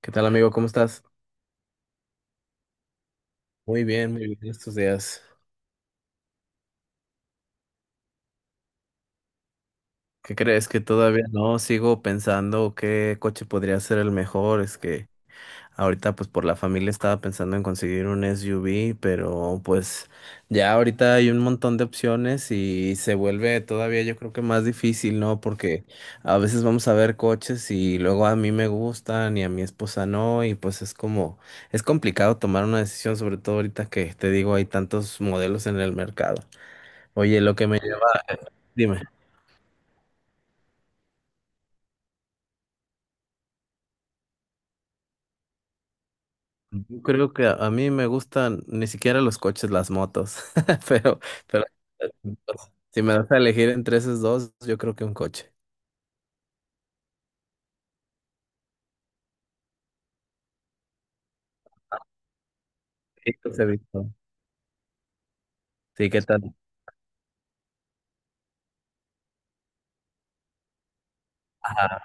¿Qué tal, amigo? ¿Cómo estás? Muy bien estos días. ¿Qué crees? Que todavía no sigo pensando qué coche podría ser el mejor. Es que ahorita, pues por la familia estaba pensando en conseguir un SUV, pero pues ya ahorita hay un montón de opciones y se vuelve todavía yo creo que más difícil, ¿no? Porque a veces vamos a ver coches y luego a mí me gustan y a mi esposa no, y pues es como, es complicado tomar una decisión, sobre todo ahorita que te digo, hay tantos modelos en el mercado. Oye, lo que me lleva, dime, yo creo que a mí me gustan ni siquiera los coches, las motos, pero, pero si me das a elegir entre esos dos, yo creo que un coche. Sí, los he visto. Sí, ¿qué tal? Ajá.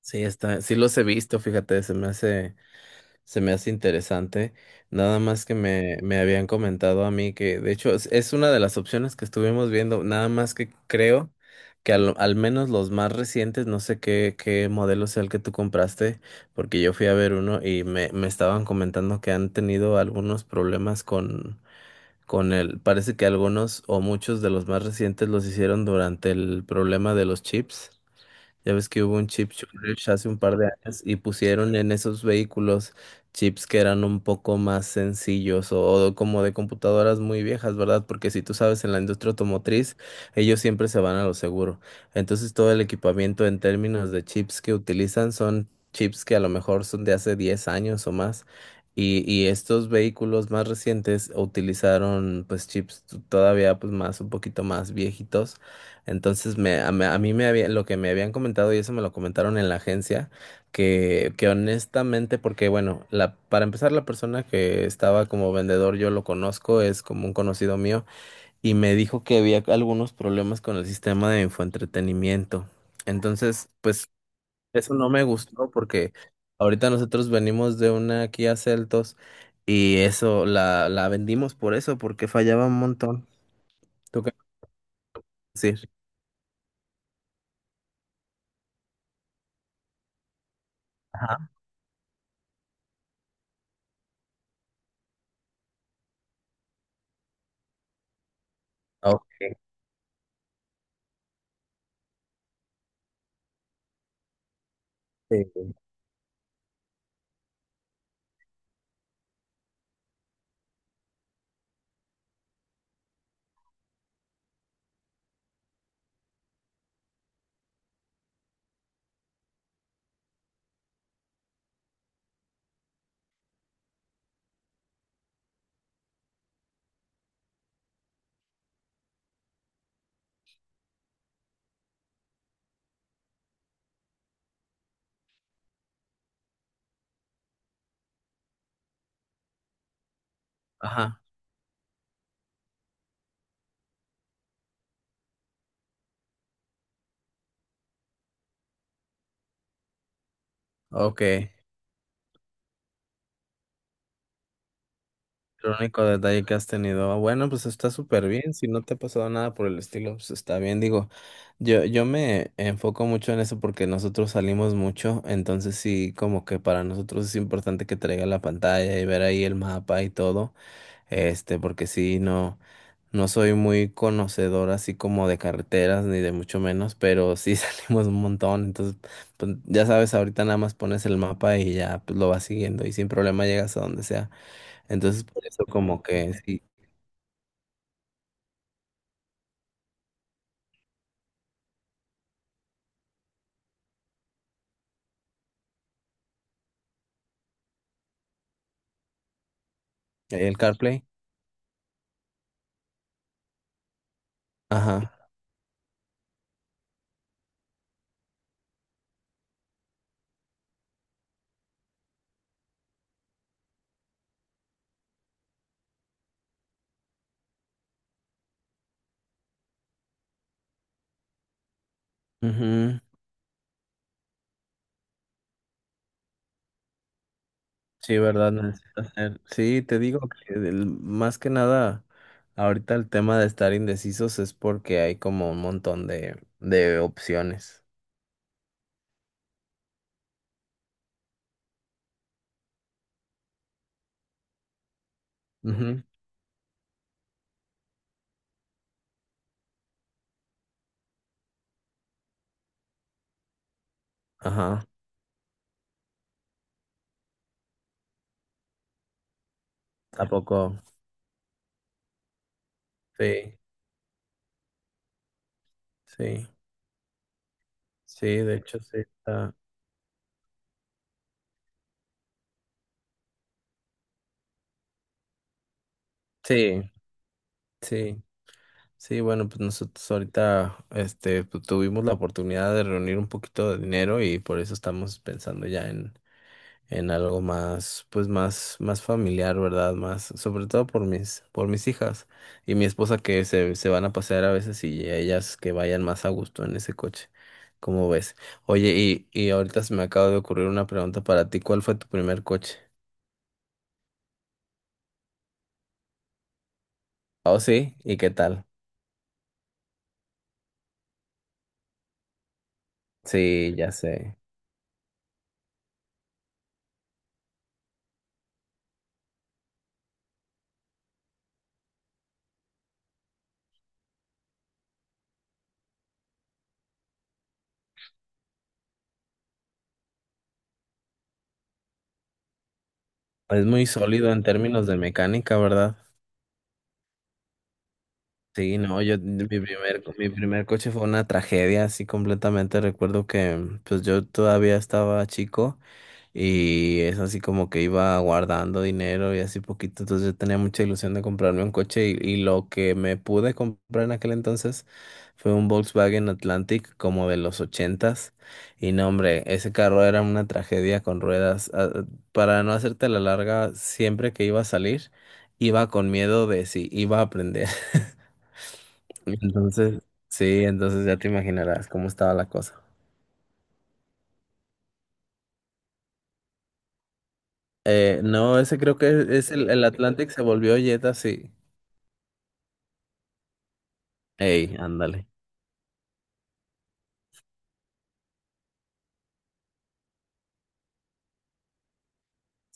Sí, está, sí los he visto, fíjate, se me hace. Se me hace interesante, nada más que me habían comentado a mí que, de hecho, es una de las opciones que estuvimos viendo, nada más que creo que al, al menos los más recientes, no sé qué, qué modelo sea el que tú compraste, porque yo fui a ver uno y me estaban comentando que han tenido algunos problemas con el, parece que algunos o muchos de los más recientes los hicieron durante el problema de los chips. Ya ves que hubo un chip shortage hace un par de años y pusieron en esos vehículos chips que eran un poco más sencillos o como de computadoras muy viejas, ¿verdad? Porque si tú sabes, en la industria automotriz, ellos siempre se van a lo seguro. Entonces, todo el equipamiento en términos de chips que utilizan son chips que a lo mejor son de hace 10 años o más. Y estos vehículos más recientes utilizaron pues chips todavía pues más un poquito más viejitos. Entonces a mí me había, lo que me habían comentado, y eso me lo comentaron en la agencia, que honestamente, porque bueno, la, para empezar la persona que estaba como vendedor, yo lo conozco, es como un conocido mío, y me dijo que había algunos problemas con el sistema de infoentretenimiento. Entonces, pues eso no me gustó porque ahorita nosotros venimos de una Kia Celtos y eso la vendimos por eso, porque fallaba un montón. ¿Tú qué vas a decir? Ajá. Ok. Sí. Ajá. Ok, el único detalle que has tenido. Bueno, pues está súper bien. Si no te ha pasado nada por el estilo, pues está bien. Digo, yo me enfoco mucho en eso porque nosotros salimos mucho. Entonces sí, como que para nosotros es importante que traiga la pantalla y ver ahí el mapa y todo. Este, porque sí, no, no soy muy conocedor así como de carreteras, ni de mucho menos, pero sí salimos un montón. Entonces, pues, ya sabes, ahorita nada más pones el mapa y ya pues, lo vas siguiendo y sin problema llegas a donde sea. Entonces, por eso como que sí, el CarPlay. Ajá. Ujú. Sí, verdad, necesito hacer. Sí, te digo que más que nada, ahorita el tema de estar indecisos es porque hay como un montón de opciones. Ujú. Ajá. Tampoco. Sí, sí, sí, de hecho sí está. Sí, sí. Sí, bueno, pues nosotros ahorita este, pues, tuvimos la oportunidad de reunir un poquito de dinero y por eso estamos pensando ya en algo más, pues más, más familiar, ¿verdad? Más, sobre todo por mis hijas y mi esposa que se van a pasear a veces y ellas que vayan más a gusto en ese coche. ¿Cómo ves? Oye, y ahorita se me acaba de ocurrir una pregunta para ti. ¿Cuál fue tu primer coche? Oh, sí, ¿y qué tal? Sí, ya sé. Es muy sólido en términos de mecánica, ¿verdad? Sí, no, yo mi primer coche fue una tragedia, así completamente. Recuerdo que pues yo todavía estaba chico, y es así como que iba guardando dinero y así poquito. Entonces yo tenía mucha ilusión de comprarme un coche y lo que me pude comprar en aquel entonces fue un Volkswagen Atlantic como de los ochentas. Y no, hombre, ese carro era una tragedia con ruedas. Para no hacerte la larga, siempre que iba a salir, iba con miedo de si iba a prender. Entonces, sí, entonces ya te imaginarás cómo estaba la cosa. No, ese creo que es el Atlantic se volvió Jetta, sí. Ey, ándale.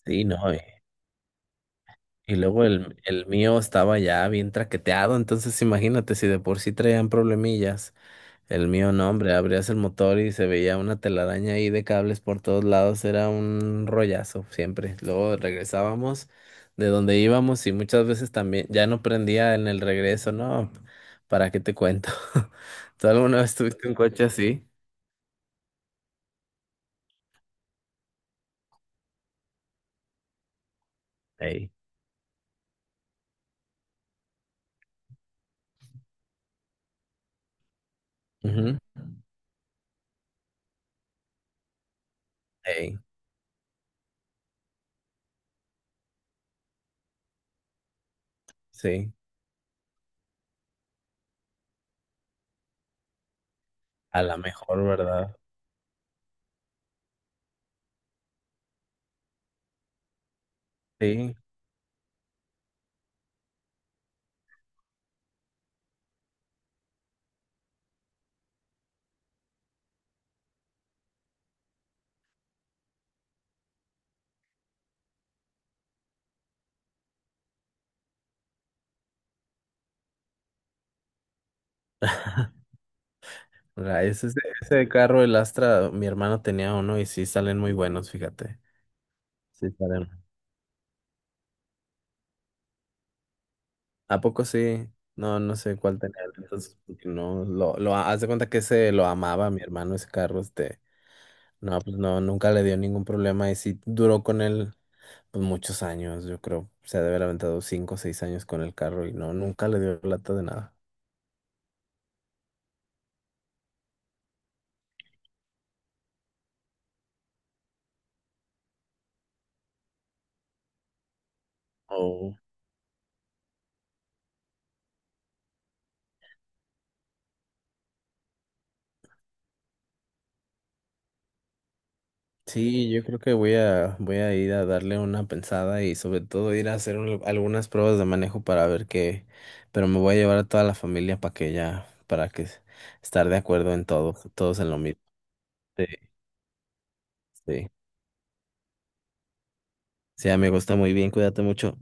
Sí, no. Y luego el mío estaba ya bien traqueteado, entonces imagínate si de por sí traían problemillas. El mío no, hombre, abrías el motor y se veía una telaraña ahí de cables por todos lados, era un rollazo siempre. Luego regresábamos de donde íbamos y muchas veces también ya no prendía en el regreso, no, ¿para qué te cuento? ¿Tú alguna vez tuviste un coche así? Ey. Ujú. Ey, sí, a la mejor, ¿verdad? Sí. Ese, ese carro, el Astra, mi hermano tenía uno y sí salen muy buenos, fíjate. Sí salen. ¿A poco sí? No, no sé cuál tenía él. Entonces, porque no, haz de cuenta que ese lo amaba mi hermano, ese carro, este. No, pues no, nunca le dio ningún problema y sí duró con él, pues muchos años, yo creo. Se ha de haber aventado 5 o 6 años con el carro y no, nunca le dio lata de nada. Sí, yo creo que voy a ir a darle una pensada y sobre todo ir a hacer algunas pruebas de manejo para ver qué, pero me voy a llevar a toda la familia para que ya, para que estar de acuerdo en todo, todos en lo mismo. Sí, sí. Sí, amigo, está muy bien, cuídate mucho.